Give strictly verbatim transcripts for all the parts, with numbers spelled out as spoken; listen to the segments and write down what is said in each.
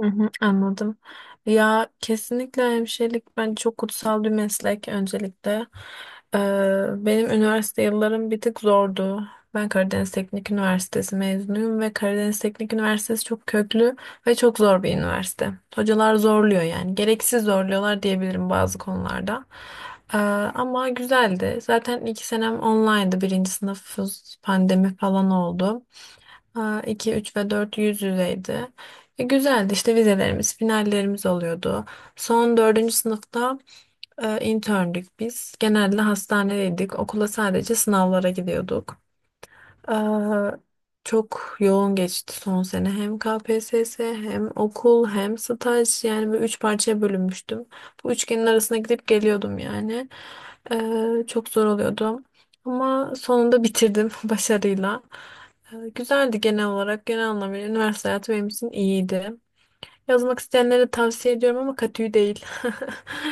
Hı hı, anladım. Ya kesinlikle hemşirelik bence çok kutsal bir meslek öncelikle. Ee, benim üniversite yıllarım bir tık zordu. Ben Karadeniz Teknik Üniversitesi mezunuyum ve Karadeniz Teknik Üniversitesi çok köklü ve çok zor bir üniversite. Hocalar zorluyor yani. Gereksiz zorluyorlar diyebilirim bazı konularda. Ee, ama güzeldi. Zaten iki senem online'dı. Birinci sınıf pandemi falan oldu. Ha, iki, üç ve dört yüz yüzeydi. E, güzeldi işte vizelerimiz, finallerimiz oluyordu. Son dördüncü sınıfta e, interndük biz. Genelde hastanedeydik. Okula sadece sınavlara gidiyorduk. Aa, çok yoğun geçti son sene. Hem K P S S hem okul hem staj yani böyle üç parçaya bölünmüştüm. Bu üçgenin arasına gidip geliyordum yani. Ee, çok zor oluyordu. Ama sonunda bitirdim başarıyla. Ee, güzeldi genel olarak. Genel anlamıyla üniversite hayatı benim için iyiydi. Yazmak isteyenlere tavsiye ediyorum ama katü değil.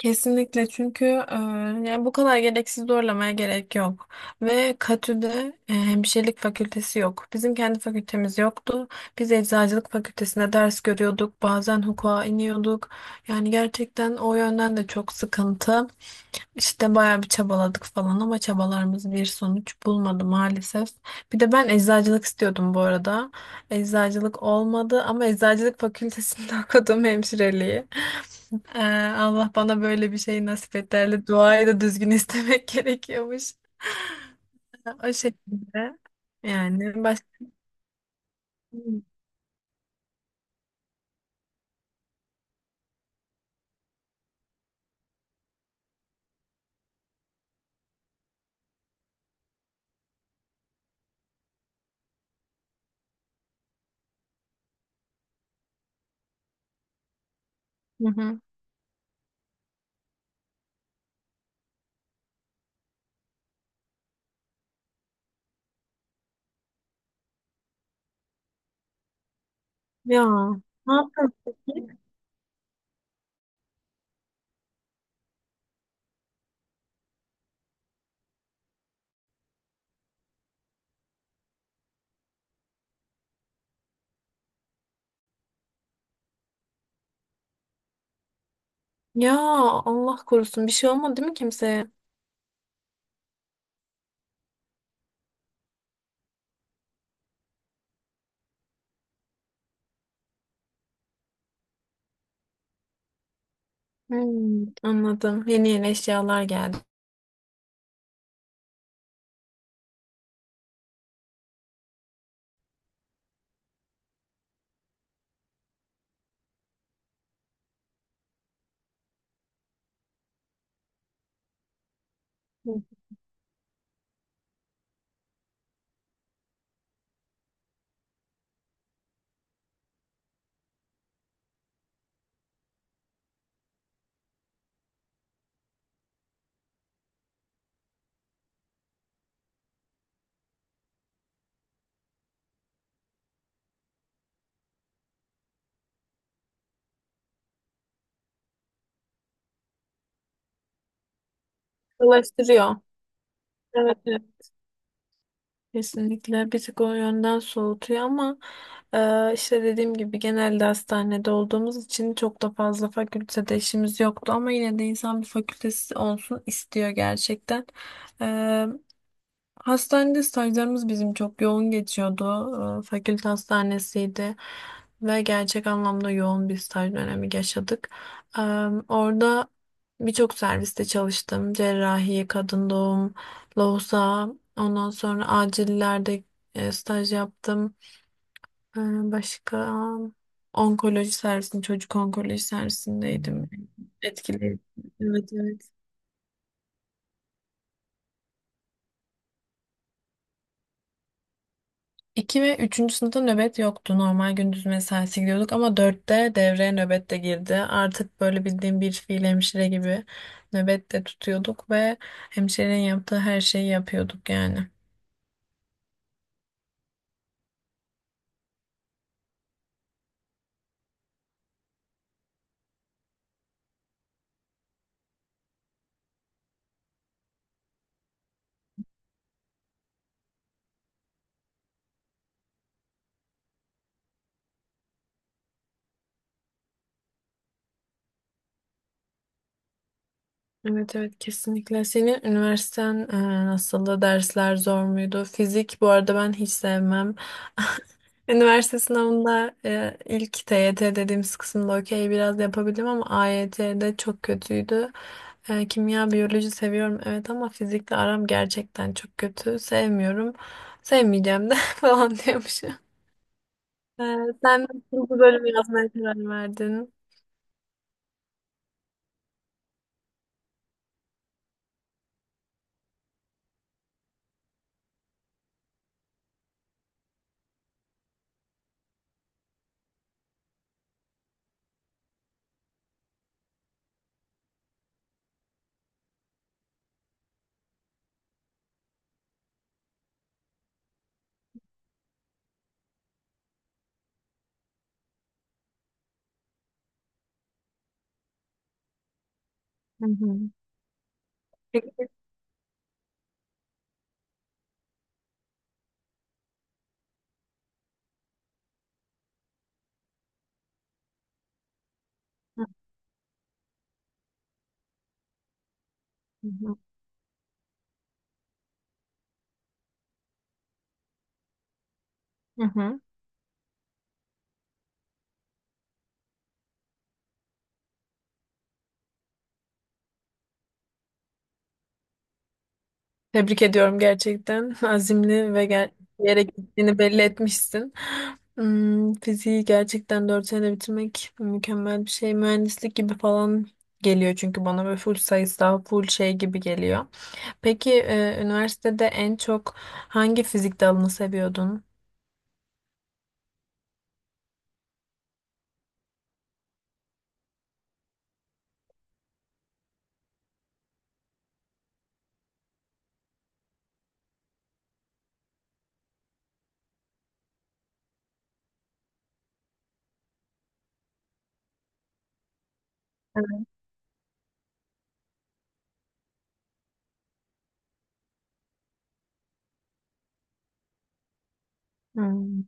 Kesinlikle çünkü e, yani bu kadar gereksiz zorlamaya gerek yok. Ve KTÜ'de e, hemşirelik fakültesi yok. Bizim kendi fakültemiz yoktu. Biz eczacılık fakültesinde ders görüyorduk. Bazen hukuka iniyorduk. Yani gerçekten o yönden de çok sıkıntı. İşte bayağı bir çabaladık falan ama çabalarımız bir sonuç bulmadı maalesef. Bir de ben eczacılık istiyordum bu arada. Eczacılık olmadı ama eczacılık fakültesinde okudum hemşireliği. Ee, Allah bana böyle bir şey nasip et derdi. Duayı da düzgün istemek gerekiyormuş. O şekilde. Yani başka... Hı hı. Ya ne yaptın peki? Ya Allah korusun bir şey olmadı değil mi kimseye? Hmm, anladım. Yeni yeni eşyalar geldi. Hı. Dolaştırıyor. Evet. Kesinlikle bir tık o yönden soğutuyor ama e, işte dediğim gibi genelde hastanede olduğumuz için çok da fazla fakültede işimiz yoktu ama yine de insan bir fakültesi olsun istiyor gerçekten. Hastanede stajlarımız bizim çok yoğun geçiyordu. Ee, Fakülte hastanesiydi ve gerçek anlamda yoğun bir staj dönemi yaşadık. Ee, Orada birçok serviste çalıştım. Cerrahi, kadın doğum, lohusa, ondan sonra acillerde e, staj yaptım. Ee, Başka onkoloji servisinde, çocuk onkoloji servisindeydim. Etkileyici. Evet, evet. İki ve üçüncü sınıfta nöbet yoktu. Normal gündüz mesaisi gidiyorduk ama dörtte devreye nöbet de girdi. Artık böyle bildiğim bir fiil hemşire gibi nöbet de tutuyorduk ve hemşirenin yaptığı her şeyi yapıyorduk yani. Evet evet kesinlikle. Senin üniversiten e, nasıldı? Dersler zor muydu? Fizik bu arada ben hiç sevmem. Üniversite sınavında e, ilk T Y T dediğimiz kısımda okey biraz yapabildim ama A Y T'de çok kötüydü. E, kimya, biyoloji seviyorum evet ama fizikle aram gerçekten çok kötü. Sevmiyorum. Sevmeyeceğim de falan diyormuşum. E, sen nasıl bu bölümü yazmaya karar verdin? Hı hı. Peki. Hı hı. Hı hı. Tebrik ediyorum gerçekten. Azimli ve ger bir yere gittiğini belli etmişsin. Hmm, fiziği gerçekten dört senede bitirmek mükemmel bir şey. Mühendislik gibi falan geliyor çünkü bana ve full sayısal, full şey gibi geliyor. Peki e, üniversitede en çok hangi fizik dalını seviyordun? Evet. Hmm.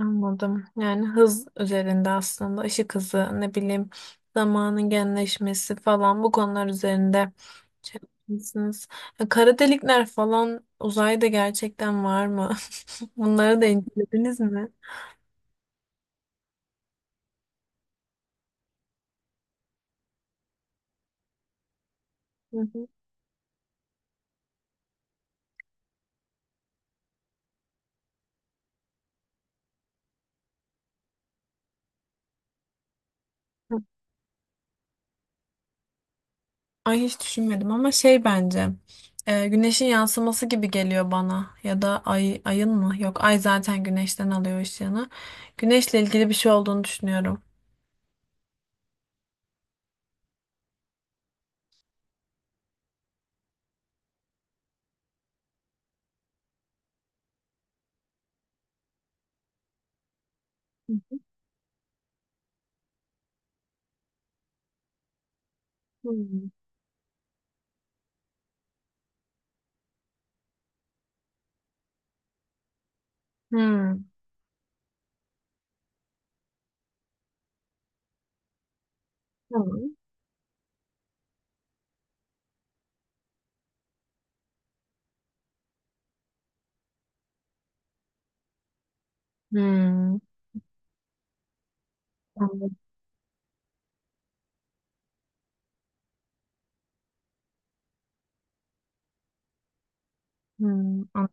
Anladım. Yani hız üzerinde aslında ışık hızı ne bileyim zamanın genleşmesi falan bu konular üzerinde şey yapmışsınız. E, Kara delikler falan uzayda gerçekten var mı? Bunları da incelediniz mi? Hı hı. Ay hiç düşünmedim ama şey bence e, güneşin yansıması gibi geliyor bana ya da ay ayın mı? Yok ay zaten güneşten alıyor ışığını. Güneşle ilgili bir şey olduğunu düşünüyorum. Hmm. Hmm. Tamam. Hmm. Anladım. Hmm, an-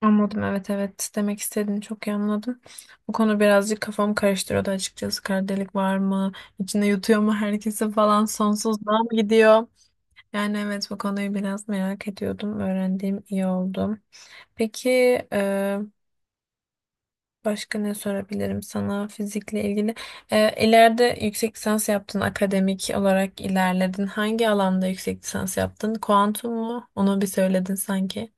anladım. Evet evet demek istediğini çok iyi anladım. Bu konu birazcık kafamı karıştırıyordu açıkçası. Kara delik var mı? İçinde yutuyor mu herkesi falan? Sonsuzluğa mı gidiyor? Yani evet bu konuyu biraz merak ediyordum. Öğrendiğim iyi oldu. Peki e, başka ne sorabilirim sana fizikle ilgili? E, ileride yüksek lisans yaptın, akademik olarak ilerledin. Hangi alanda yüksek lisans yaptın? Kuantum mu? Onu bir söyledin sanki.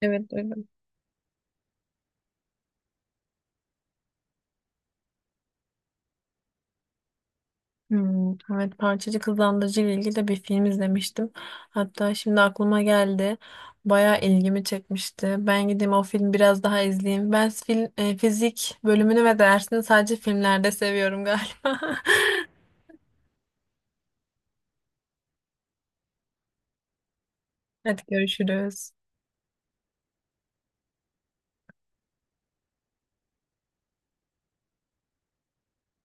Evet, Hmm, evet Parçacık Hızlandırıcı ile ilgili de bir film izlemiştim. Hatta şimdi aklıma geldi. Bayağı ilgimi çekmişti. Ben gideyim o film biraz daha izleyeyim. Ben film, e, fizik bölümünü ve dersini sadece filmlerde seviyorum galiba. Hadi görüşürüz.